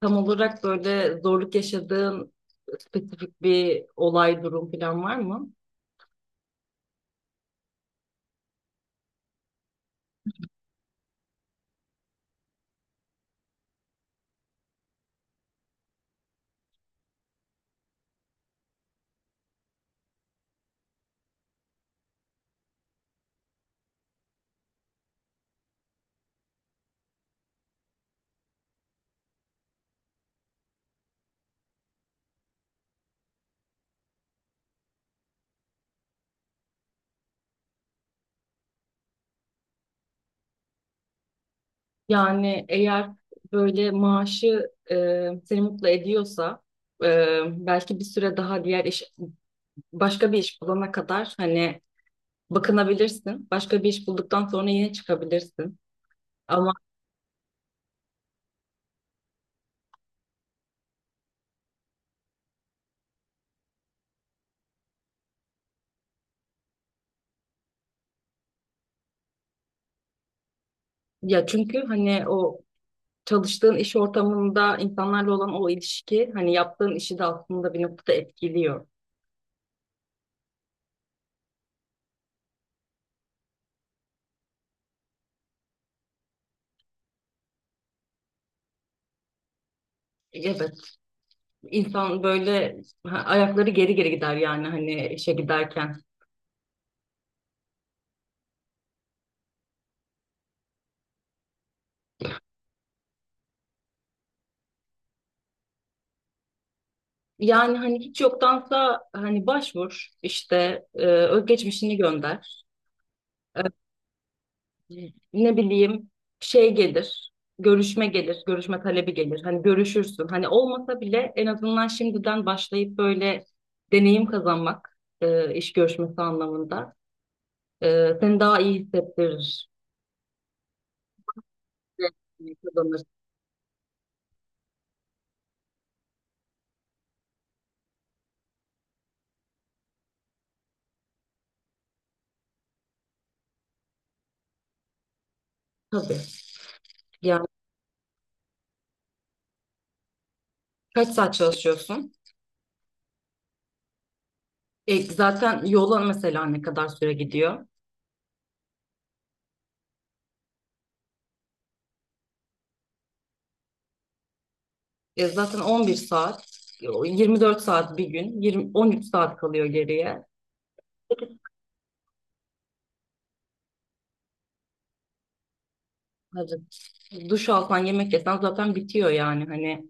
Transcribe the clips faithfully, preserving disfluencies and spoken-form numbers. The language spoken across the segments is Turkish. Tam olarak böyle zorluk yaşadığın spesifik bir olay, durum falan var mı? Yani eğer böyle maaşı e, seni mutlu ediyorsa e, belki bir süre daha diğer iş, başka bir iş bulana kadar hani bakınabilirsin. Başka bir iş bulduktan sonra yine çıkabilirsin. Ama ya çünkü hani o çalıştığın iş ortamında insanlarla olan o ilişki hani yaptığın işi de aslında bir noktada etkiliyor. Evet. İnsan böyle ha, ayakları geri geri gider yani hani işe giderken. Yani hani hiç yoktansa hani başvur işte e, özgeçmişini gönder. E, Ne bileyim şey gelir, görüşme gelir, görüşme talebi gelir. Hani görüşürsün. Hani olmasa bile en azından şimdiden başlayıp böyle deneyim kazanmak e, iş görüşmesi anlamında e, seni daha iyi hissettirir. Kazanır. Tabii. Yani kaç saat çalışıyorsun? E, zaten yola mesela ne kadar süre gidiyor? E, zaten on bir saat, e, yirmi dört saat bir gün, yirmi, on üç saat kalıyor geriye. Hadi. Duş alsan, yemek yesen zaten bitiyor yani hani.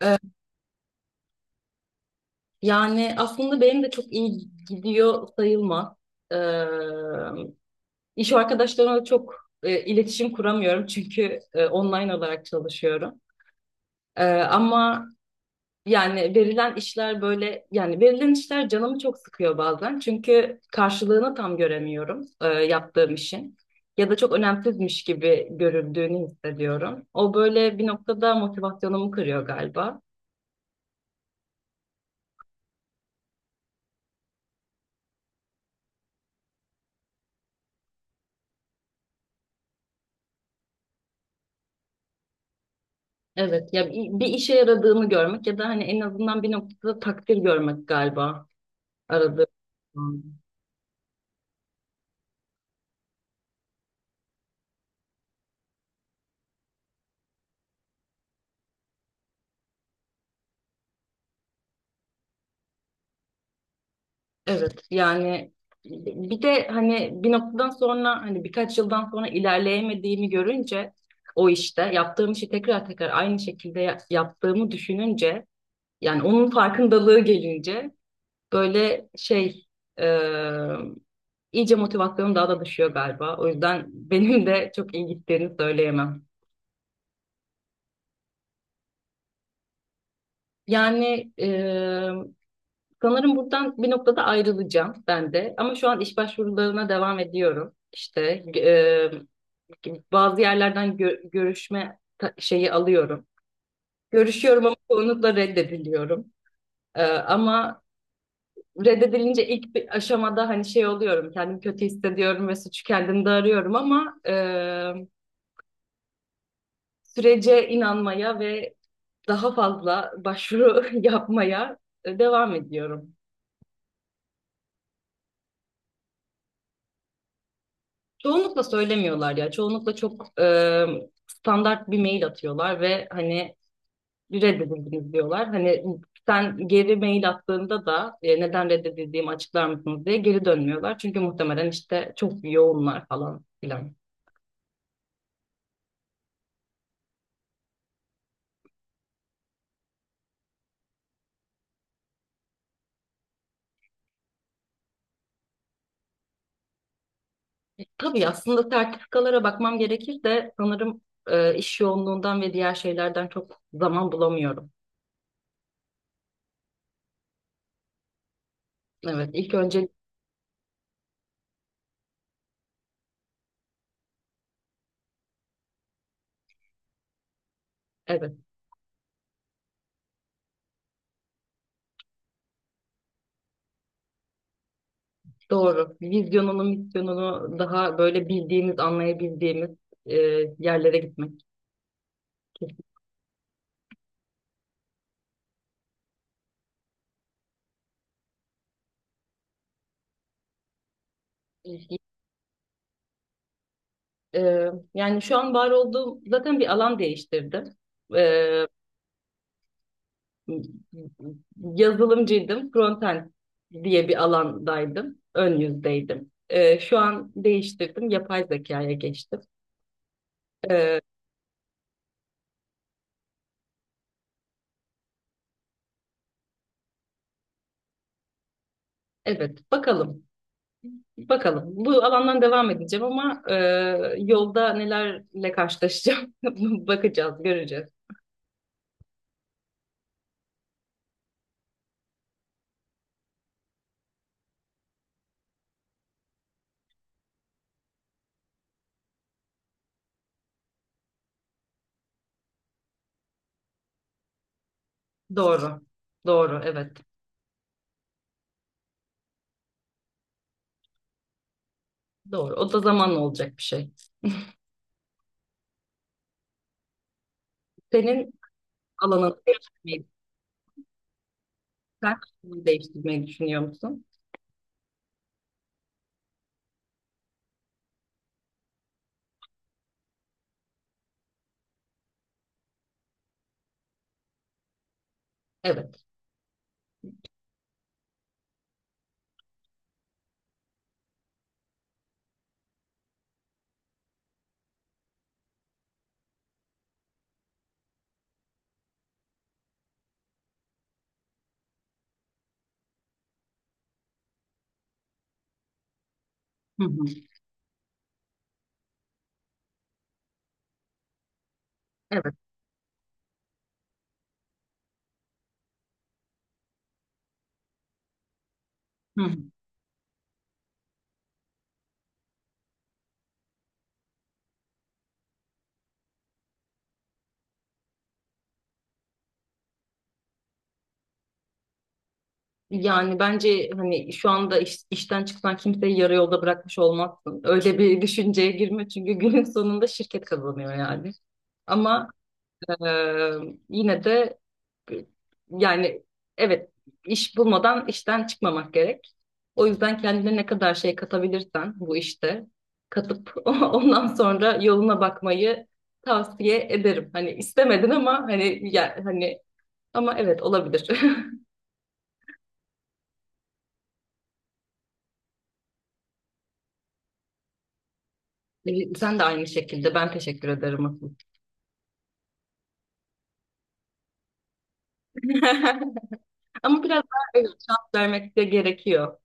E, Yani aslında benim de çok iyi gidiyor sayılmaz. E, iş arkadaşlarımla çok e, iletişim kuramıyorum çünkü e, online olarak çalışıyorum. E, ama yani verilen işler böyle yani verilen işler canımı çok sıkıyor bazen. Çünkü karşılığını tam göremiyorum e, yaptığım işin. Ya da çok önemsizmiş gibi görüldüğünü hissediyorum. O böyle bir noktada motivasyonumu kırıyor galiba. Evet ya bir bir işe yaradığını görmek ya da hani en azından bir noktada takdir görmek galiba aradığım. Evet yani bir de hani bir noktadan sonra hani birkaç yıldan sonra ilerleyemediğimi görünce o işte yaptığım işi tekrar tekrar aynı şekilde ya- yaptığımı düşününce yani onun farkındalığı gelince böyle şey e, iyice motivasyonum daha da düşüyor galiba. O yüzden benim de çok iyi gittiğini söyleyemem. Yani e, sanırım buradan bir noktada ayrılacağım ben de ama şu an iş başvurularına devam ediyorum. İşte bazı yerlerden gö- görüşme ta- şeyi alıyorum. Görüşüyorum ama çoğunlukla reddediliyorum. Ee, ama reddedilince ilk bir aşamada hani şey oluyorum, kendimi kötü hissediyorum ve suçu kendimde arıyorum ama e, sürece inanmaya ve daha fazla başvuru yapmaya e, devam ediyorum. Çoğunlukla söylemiyorlar ya, çoğunlukla çok e, standart bir mail atıyorlar ve hani reddedildiniz diyorlar. Hani sen geri mail attığında da e, neden reddedildiğimi açıklar mısınız diye geri dönmüyorlar. Çünkü muhtemelen işte çok yoğunlar falan filan. E, tabii aslında sertifikalara bakmam gerekir de sanırım e, iş yoğunluğundan ve diğer şeylerden çok zaman bulamıyorum. Evet, ilk önce evet doğru. Vizyonunu, misyonunu daha böyle bildiğimiz, anlayabildiğimiz e, yerlere gitmek. Ee, yani şu an var olduğum zaten bir alan değiştirdim. Ee, Yazılımcıydım. Frontend diye bir alandaydım. Ön yüzdeydim. Ee, şu an değiştirdim. Yapay zekaya geçtim. Ee, evet bakalım. Bakalım. Bu alandan devam edeceğim ama e, yolda nelerle karşılaşacağım bakacağız, göreceğiz. Doğru. Doğru, evet. Doğru. O da zamanla olacak bir şey. Senin alanın. Versiyonu değiştirmeyi düşünüyor musun? Evet. Hı hı. Evet. Hı hı. Yani bence hani şu anda iş- işten çıksan kimseyi yarı yolda bırakmış olmazsın. Öyle bir düşünceye girme çünkü günün sonunda şirket kazanıyor yani. Ama Ee, yine de yani evet iş bulmadan işten çıkmamak gerek. O yüzden kendine ne kadar şey katabilirsen bu işte katıp ondan sonra yoluna bakmayı tavsiye ederim. Hani istemedin ama hani ya, hani ama evet olabilir. Ee, Sen de aynı şekilde ben teşekkür ederim asıl. Ama biraz daha evet, şans vermek de gerekiyor.